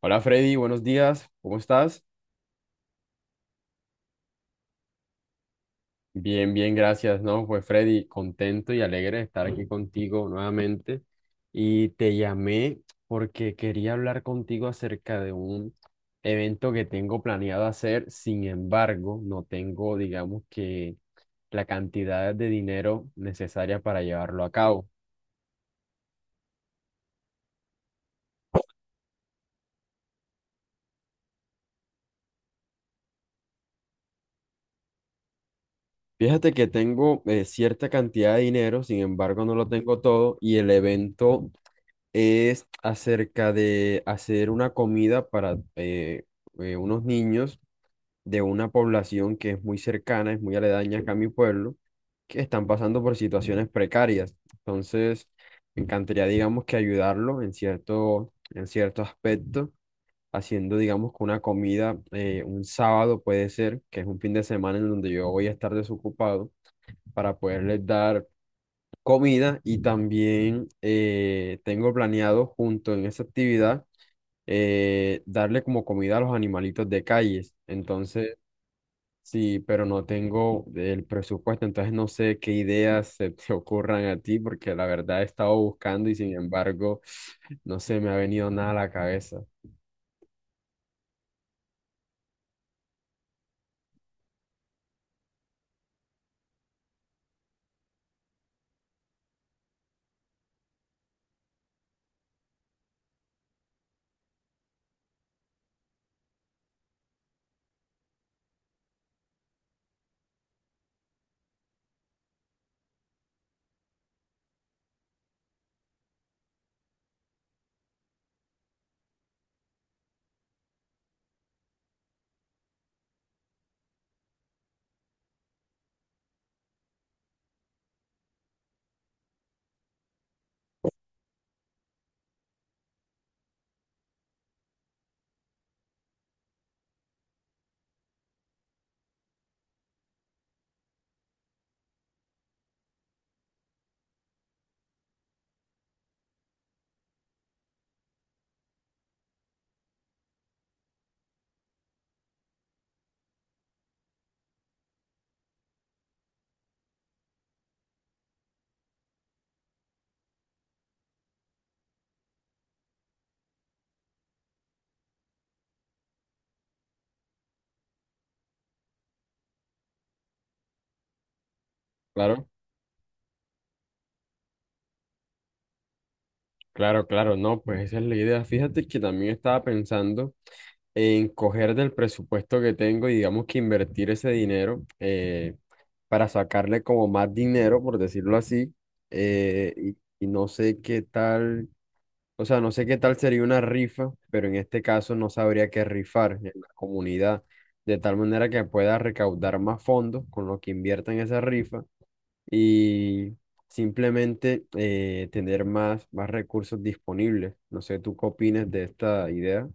Hola Freddy, buenos días, ¿cómo estás? Bien, bien, gracias, ¿no? Pues Freddy, contento y alegre de estar aquí contigo nuevamente. Y te llamé porque quería hablar contigo acerca de un evento que tengo planeado hacer, sin embargo, no tengo, digamos que, la cantidad de dinero necesaria para llevarlo a cabo. Fíjate que tengo cierta cantidad de dinero, sin embargo, no lo tengo todo y el evento es acerca de hacer una comida para unos niños de una población que es muy cercana, es muy aledaña acá a mi pueblo, que están pasando por situaciones precarias. Entonces, me encantaría, digamos, que ayudarlo en cierto aspecto, haciendo, digamos, que una comida un sábado puede ser, que es un fin de semana en donde yo voy a estar desocupado, para poderles dar comida y también tengo planeado junto en esa actividad darle como comida a los animalitos de calles. Entonces, sí, pero no tengo el presupuesto, entonces no sé qué ideas se te ocurran a ti porque la verdad he estado buscando y sin embargo no se me ha venido nada a la cabeza. Claro. Claro, claro, no, pues esa es la idea. Fíjate que también estaba pensando en coger del presupuesto que tengo y digamos que invertir ese dinero, para sacarle como más dinero, por decirlo así, y no sé qué tal, o sea, no sé qué tal sería una rifa, pero en este caso no sabría qué rifar en la comunidad, de tal manera que pueda recaudar más fondos con lo que invierta en esa rifa y simplemente tener más recursos disponibles. No sé, ¿tú qué opinas de esta idea?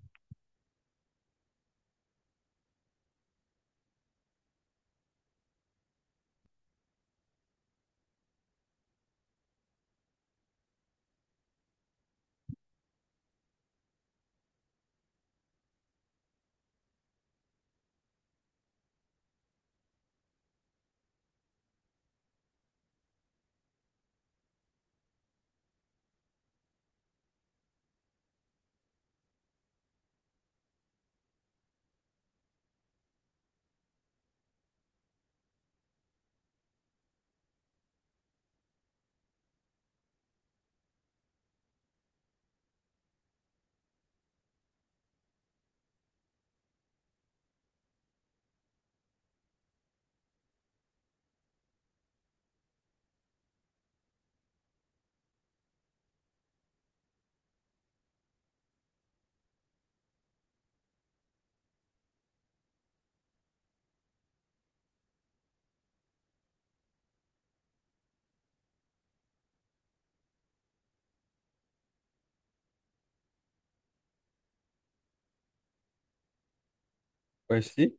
Pues sí,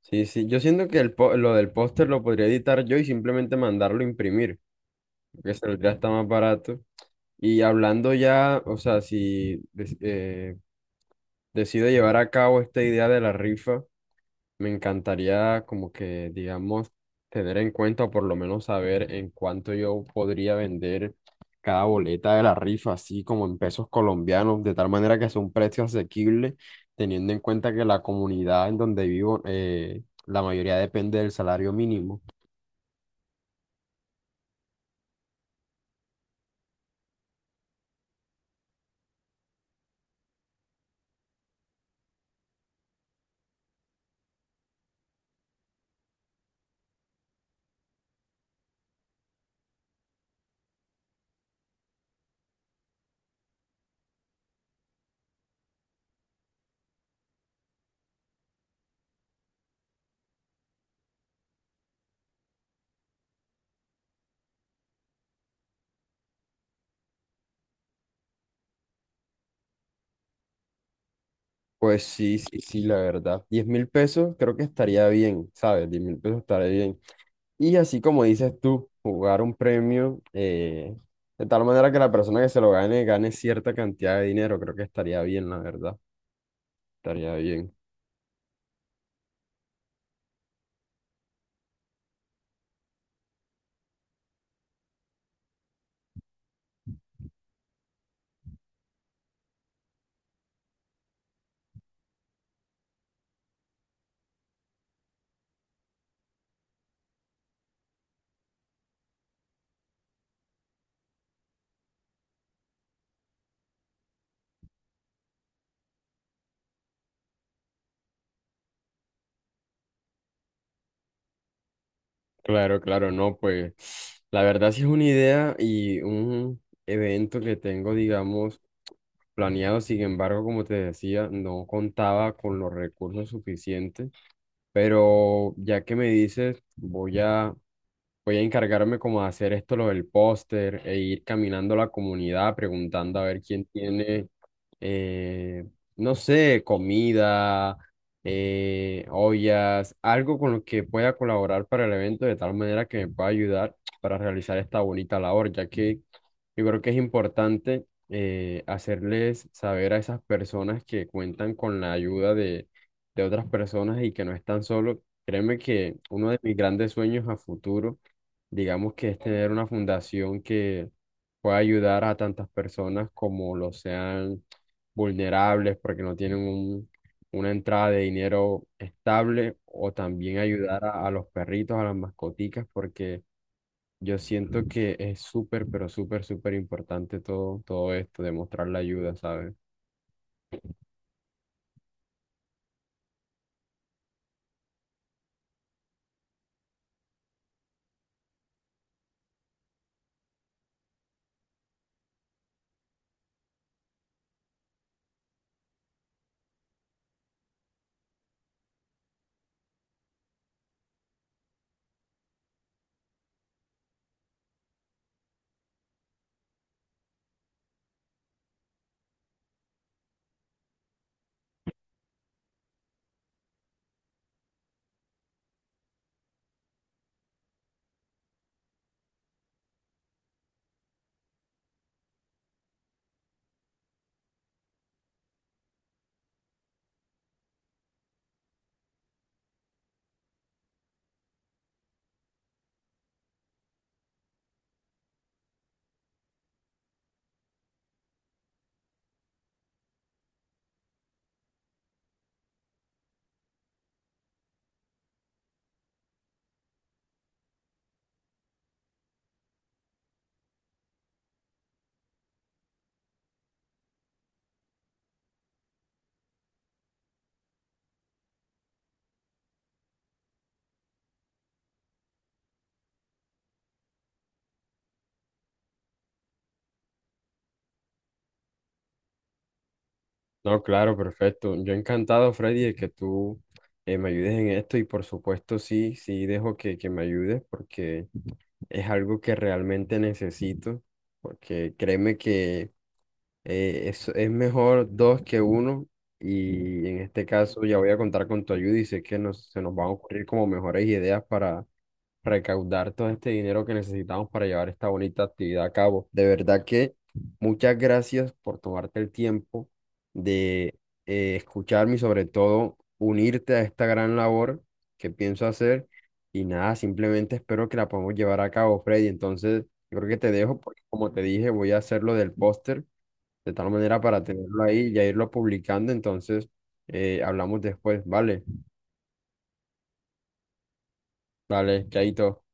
sí, sí. Yo siento que lo del póster lo podría editar yo y simplemente mandarlo a imprimir, porque saldría hasta más barato. Y hablando ya, o sea, si des- decido llevar a cabo esta idea de la rifa. Me encantaría como que, digamos, tener en cuenta o por lo menos saber en cuánto yo podría vender cada boleta de la rifa, así como en pesos colombianos, de tal manera que sea un precio asequible, teniendo en cuenta que la comunidad en donde vivo, la mayoría depende del salario mínimo. Pues sí, sí, sí, la verdad. 10 mil pesos creo que estaría bien, ¿sabes? 10 mil pesos estaría bien. Y así como dices tú, jugar un premio, de tal manera que la persona que se lo gane gane cierta cantidad de dinero, creo que estaría bien, la verdad, estaría bien. Claro, claro, no, pues la verdad sí es una idea y un evento que tengo, digamos, planeado, sin embargo, como te decía, no contaba con los recursos suficientes, pero ya que me dices, voy a encargarme como de hacer esto, lo del póster, e ir caminando la comunidad preguntando a ver quién tiene, eh, no sé, comida, ollas, algo con lo que pueda colaborar para el evento de tal manera que me pueda ayudar para realizar esta bonita labor, ya que yo creo que es importante, hacerles saber a esas personas que cuentan con la ayuda de otras personas y que no están solos. Créeme que uno de mis grandes sueños a futuro, digamos, que es tener una fundación que pueda ayudar a tantas personas como lo sean vulnerables porque no tienen un- una entrada de dinero estable, o también ayudar a los perritos, a las mascoticas, porque yo siento que es súper, pero súper, súper importante todo, todo esto, demostrar la ayuda, ¿sabes? No, claro, perfecto. Yo encantado, Freddy, de que tú, me ayudes en esto, y por supuesto sí, sí dejo que me ayudes porque es algo que realmente necesito, porque créeme que es mejor dos que uno, y en este caso ya voy a contar con tu ayuda y sé que nos, se nos van a ocurrir como mejores ideas para recaudar todo este dinero que necesitamos para llevar esta bonita actividad a cabo. De verdad que muchas gracias por tomarte el tiempo de, escucharme y sobre todo unirte a esta gran labor que pienso hacer. Y nada, simplemente espero que la podamos llevar a cabo, Freddy. Entonces, yo creo que te dejo porque como te dije, voy a hacer lo del póster de tal manera para tenerlo ahí y ya irlo publicando. Entonces, hablamos después, ¿vale? Vale, chaito.